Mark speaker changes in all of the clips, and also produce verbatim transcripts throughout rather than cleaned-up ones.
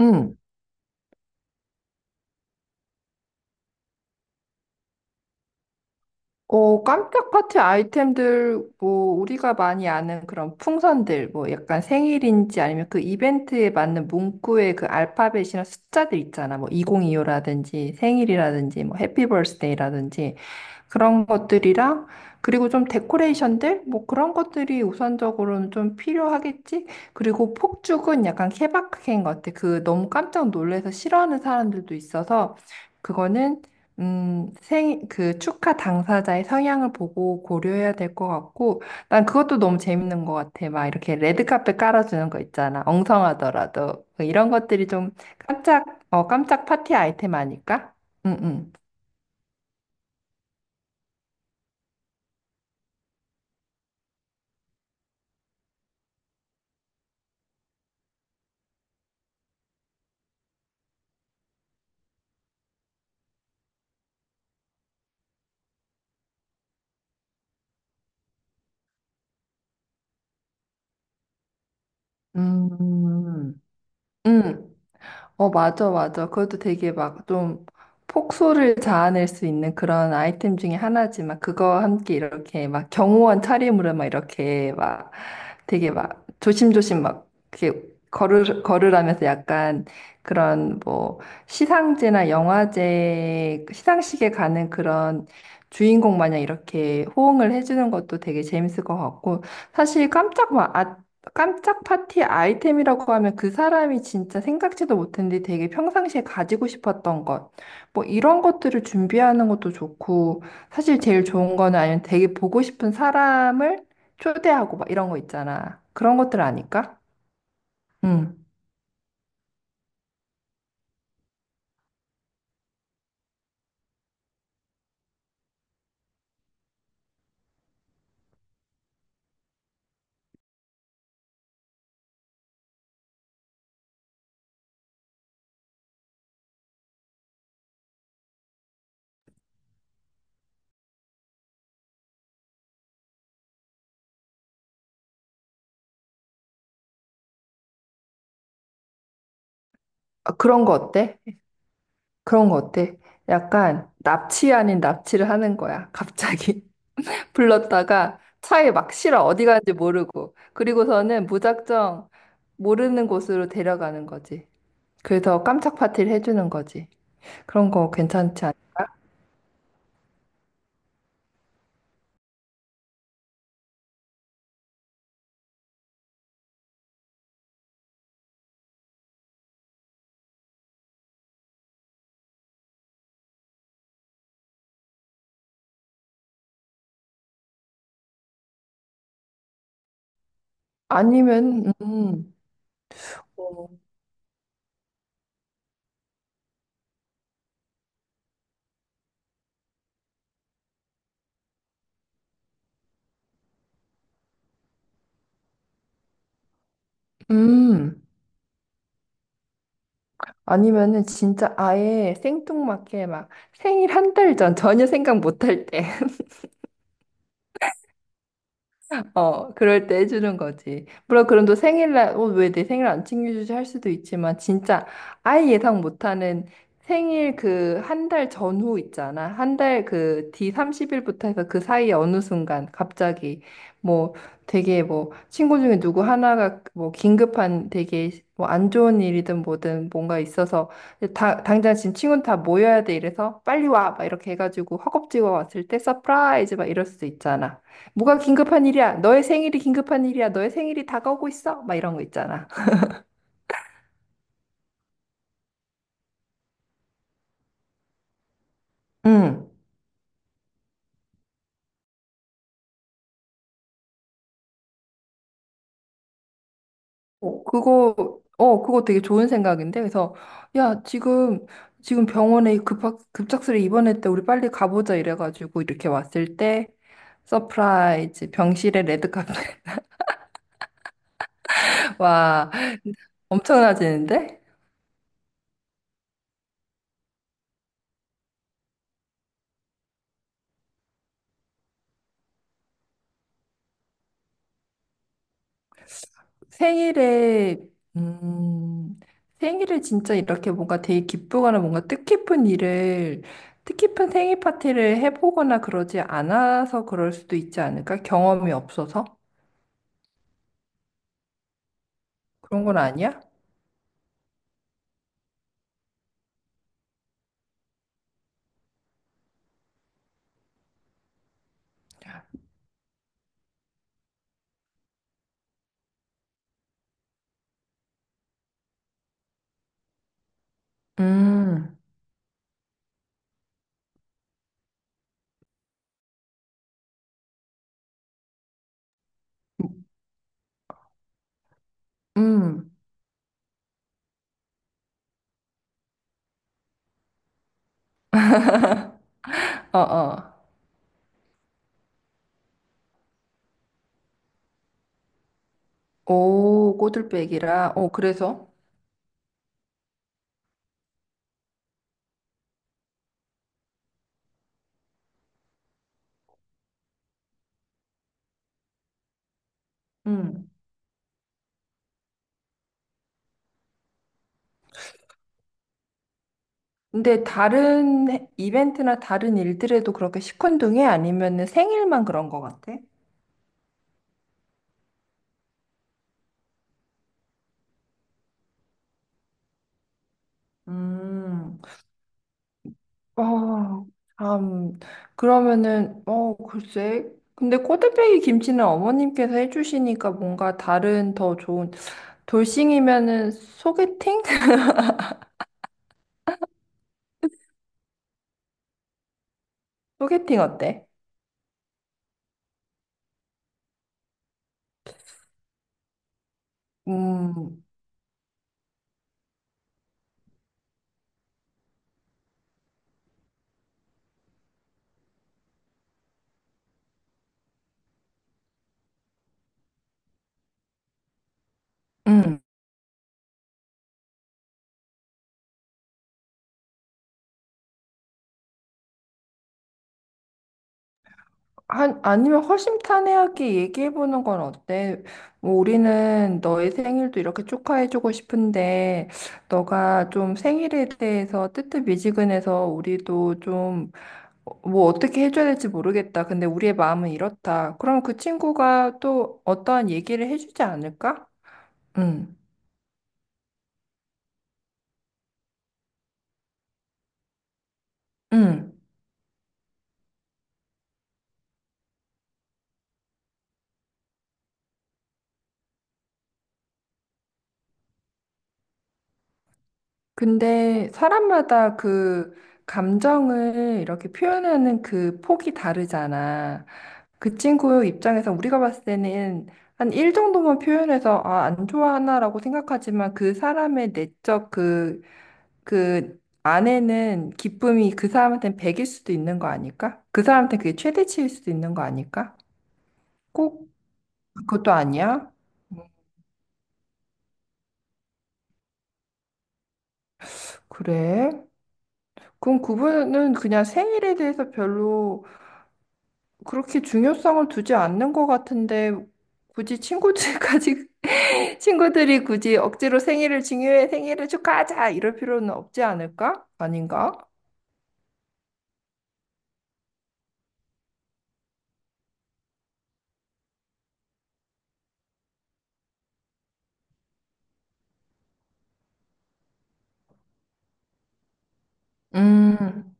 Speaker 1: 응. 어, 깜짝 파티 아이템들, 뭐, 우리가 많이 아는 그런 풍선들, 뭐, 약간 생일인지 아니면 그 이벤트에 맞는 문구의 그 알파벳이나 숫자들 있잖아. 뭐, 이천이십오라든지 생일이라든지 뭐, 해피 버스데이라든지 그런 것들이랑, 그리고 좀 데코레이션들? 뭐, 그런 것들이 우선적으로는 좀 필요하겠지? 그리고 폭죽은 약간 케바케인 것 같아. 그 너무 깜짝 놀래서 싫어하는 사람들도 있어서, 음, 생, 그 축하 당사자의 성향을 보고 고려해야 될 것 같고, 난 그것도 너무 재밌는 것 같아. 막 이렇게 레드카펫 깔아주는 거 있잖아. 엉성하더라도. 그 이런 것들이 좀 깜짝, 어, 깜짝 파티 아이템 아닐까? 응, 응. 음, 응. 어, 맞아, 맞아. 그것도 되게 막 좀 폭소를 자아낼 수 있는 그런 아이템 중에 하나지만 그거 함께 이렇게 막 경호원 차림으로 막 이렇게 막 되게 막 조심조심 막 이렇게 걸을, 걸으라면서 약간 그런 뭐 시상제나 영화제, 시상식에 가는 그런 주인공 마냥 이렇게 호응을 해주는 것도 되게 재밌을 것 같고 사실 깜짝 마, 깜짝 파티 아이템이라고 하면 그 사람이 진짜 생각지도 못했는데 되게 평상시에 가지고 싶었던 것. 뭐 이런 것들을 준비하는 것도 좋고, 사실 제일 좋은 거는 아니면 되게 보고 싶은 사람을 초대하고 막 이런 거 있잖아. 그런 것들 아닐까? 응. 아, 그런 거 어때? 그런 거 어때? 약간 납치 아닌 납치를 하는 거야. 갑자기 불렀다가 차에 막 실어 어디 가는지 모르고. 그리고서는 무작정 모르는 곳으로 데려가는 거지. 그래서 깜짝 파티를 해주는 거지. 그런 거 괜찮지 않? 아니면 음, 어. 음 아니면은 진짜 아예 생뚱맞게 막 생일 한 달 전 전혀 생각 못할때 어, 그럴 때 해주는 거지. 물론 그럼 또 생일날, 어, 왜 내 생일 안 챙겨주지 할 수도 있지만, 진짜 아예 예상 못하는 생일 그 한 달 전후 있잖아. 한 달 그 뒤 삼십 일부터 해서 그 사이에 어느 순간 갑자기 뭐 되게 뭐 친구 중에 누구 하나가 뭐 긴급한 되게 뭐 안 좋은 일이든 뭐든 뭔가 있어서 다, 당장 지금 친구는 다 모여야 돼 이래서 빨리 와! 막 이렇게 해가지고 허겁지겁 왔을 때 서프라이즈 막 이럴 수도 있잖아. 뭐가 긴급한 일이야? 너의 생일이 긴급한 일이야. 너의 생일이 다가오고 있어. 막 이런 거 있잖아. 응. 어, 그거, 어, 그거 되게 좋은 생각인데. 그래서, 야, 지금, 지금 병원에 급하, 급작스레 입원했대. 우리 빨리 가보자. 이래가지고 이렇게 왔을 때, 서프라이즈, 병실에 레드카펫. 와, 엄청나지는데? 생일에, 음, 생일을 진짜 이렇게 뭔가 되게 기쁘거나 뭔가 뜻깊은 일을, 뜻깊은 생일 파티를 해보거나 그러지 않아서 그럴 수도 있지 않을까? 경험이 없어서? 그런 건 아니야? 음, 음, 어, 어. 오, 꼬들빼기라. 어, 그래서? 음. 근데 다른 해- 이벤트나 다른 일들에도 그렇게 시큰둥해? 아니면은 생일만 그런 것 같아? 음. 어, 참, 그러면은, 어, 글쎄. 근데 꼬들빼기 김치는 어머님께서 해주시니까 뭔가 다른 더 좋은, 돌싱이면은 소개팅? 소개팅 어때? 음, 음. 한, 아니면 허심탄회하게 얘기해보는 건 어때? 뭐 우리는 너의 생일도 이렇게 축하해주고 싶은데, 너가 좀 생일에 대해서 뜨뜻미지근해서 우리도 좀 어, 뭐 어떻게 해줘야 될지 모르겠다. 근데 우리의 마음은 이렇다. 그럼 그 친구가 또 어떠한 얘기를 해주지 않을까? 응, 응. 근데 사람마다 그 감정을 이렇게 표현하는 그 폭이 다르잖아. 그 친구 입장에서 우리가 봤을 때는 한 일 정도만 표현해서 아, 안 좋아하나라고 생각하지만 그 사람의 내적 그 그 아내는 기쁨이 그 사람한테는 백일 수도 있는 거 아닐까? 그 사람한테 그게 최대치일 수도 있는 거 아닐까? 꼭 그것도 아니야? 음, 그래? 그럼 그분은 그냥 생일에 대해서 별로 그렇게 중요성을 두지 않는 것 같은데 굳이 친구들까지 친구들이 굳이 억지로 생일을 중요해 생일을 축하하자 이럴 필요는 없지 않을까? 아닌가? 음,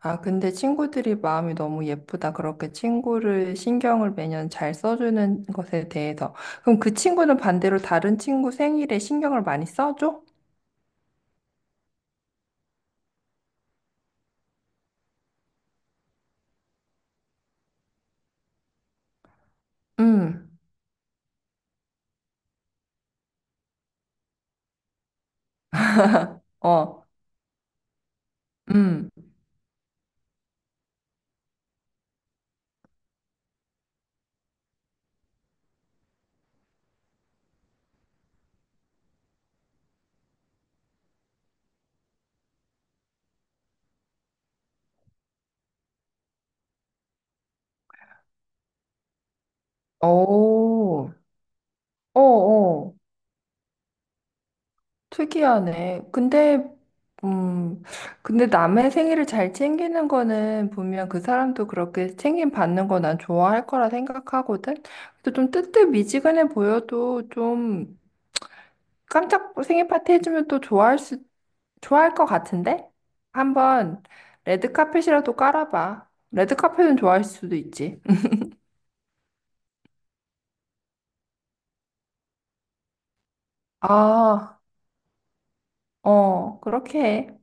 Speaker 1: 아, 근데 친구들이 마음이 너무 예쁘다. 그렇게 친구를 신경을 매년 잘 써주는 것에 대해서. 그럼 그 친구는 반대로 다른 친구 생일에 신경을 많이 써줘? 음, 어, 음, 오, 어, 어. 특이하네. 근데, 음, 근데 남의 생일을 잘 챙기는 거는 분명 그 사람도 그렇게 챙김 받는 거 난 좋아할 거라 생각하거든? 근데 좀 뜨뜻미지근해 보여도 좀 깜짝 생일 파티 해주면 또 좋아할 수, 좋아할 것 같은데? 한번 레드 카펫이라도 깔아봐. 레드 카펫은 좋아할 수도 있지. 음. 아, 어, 그렇게 해.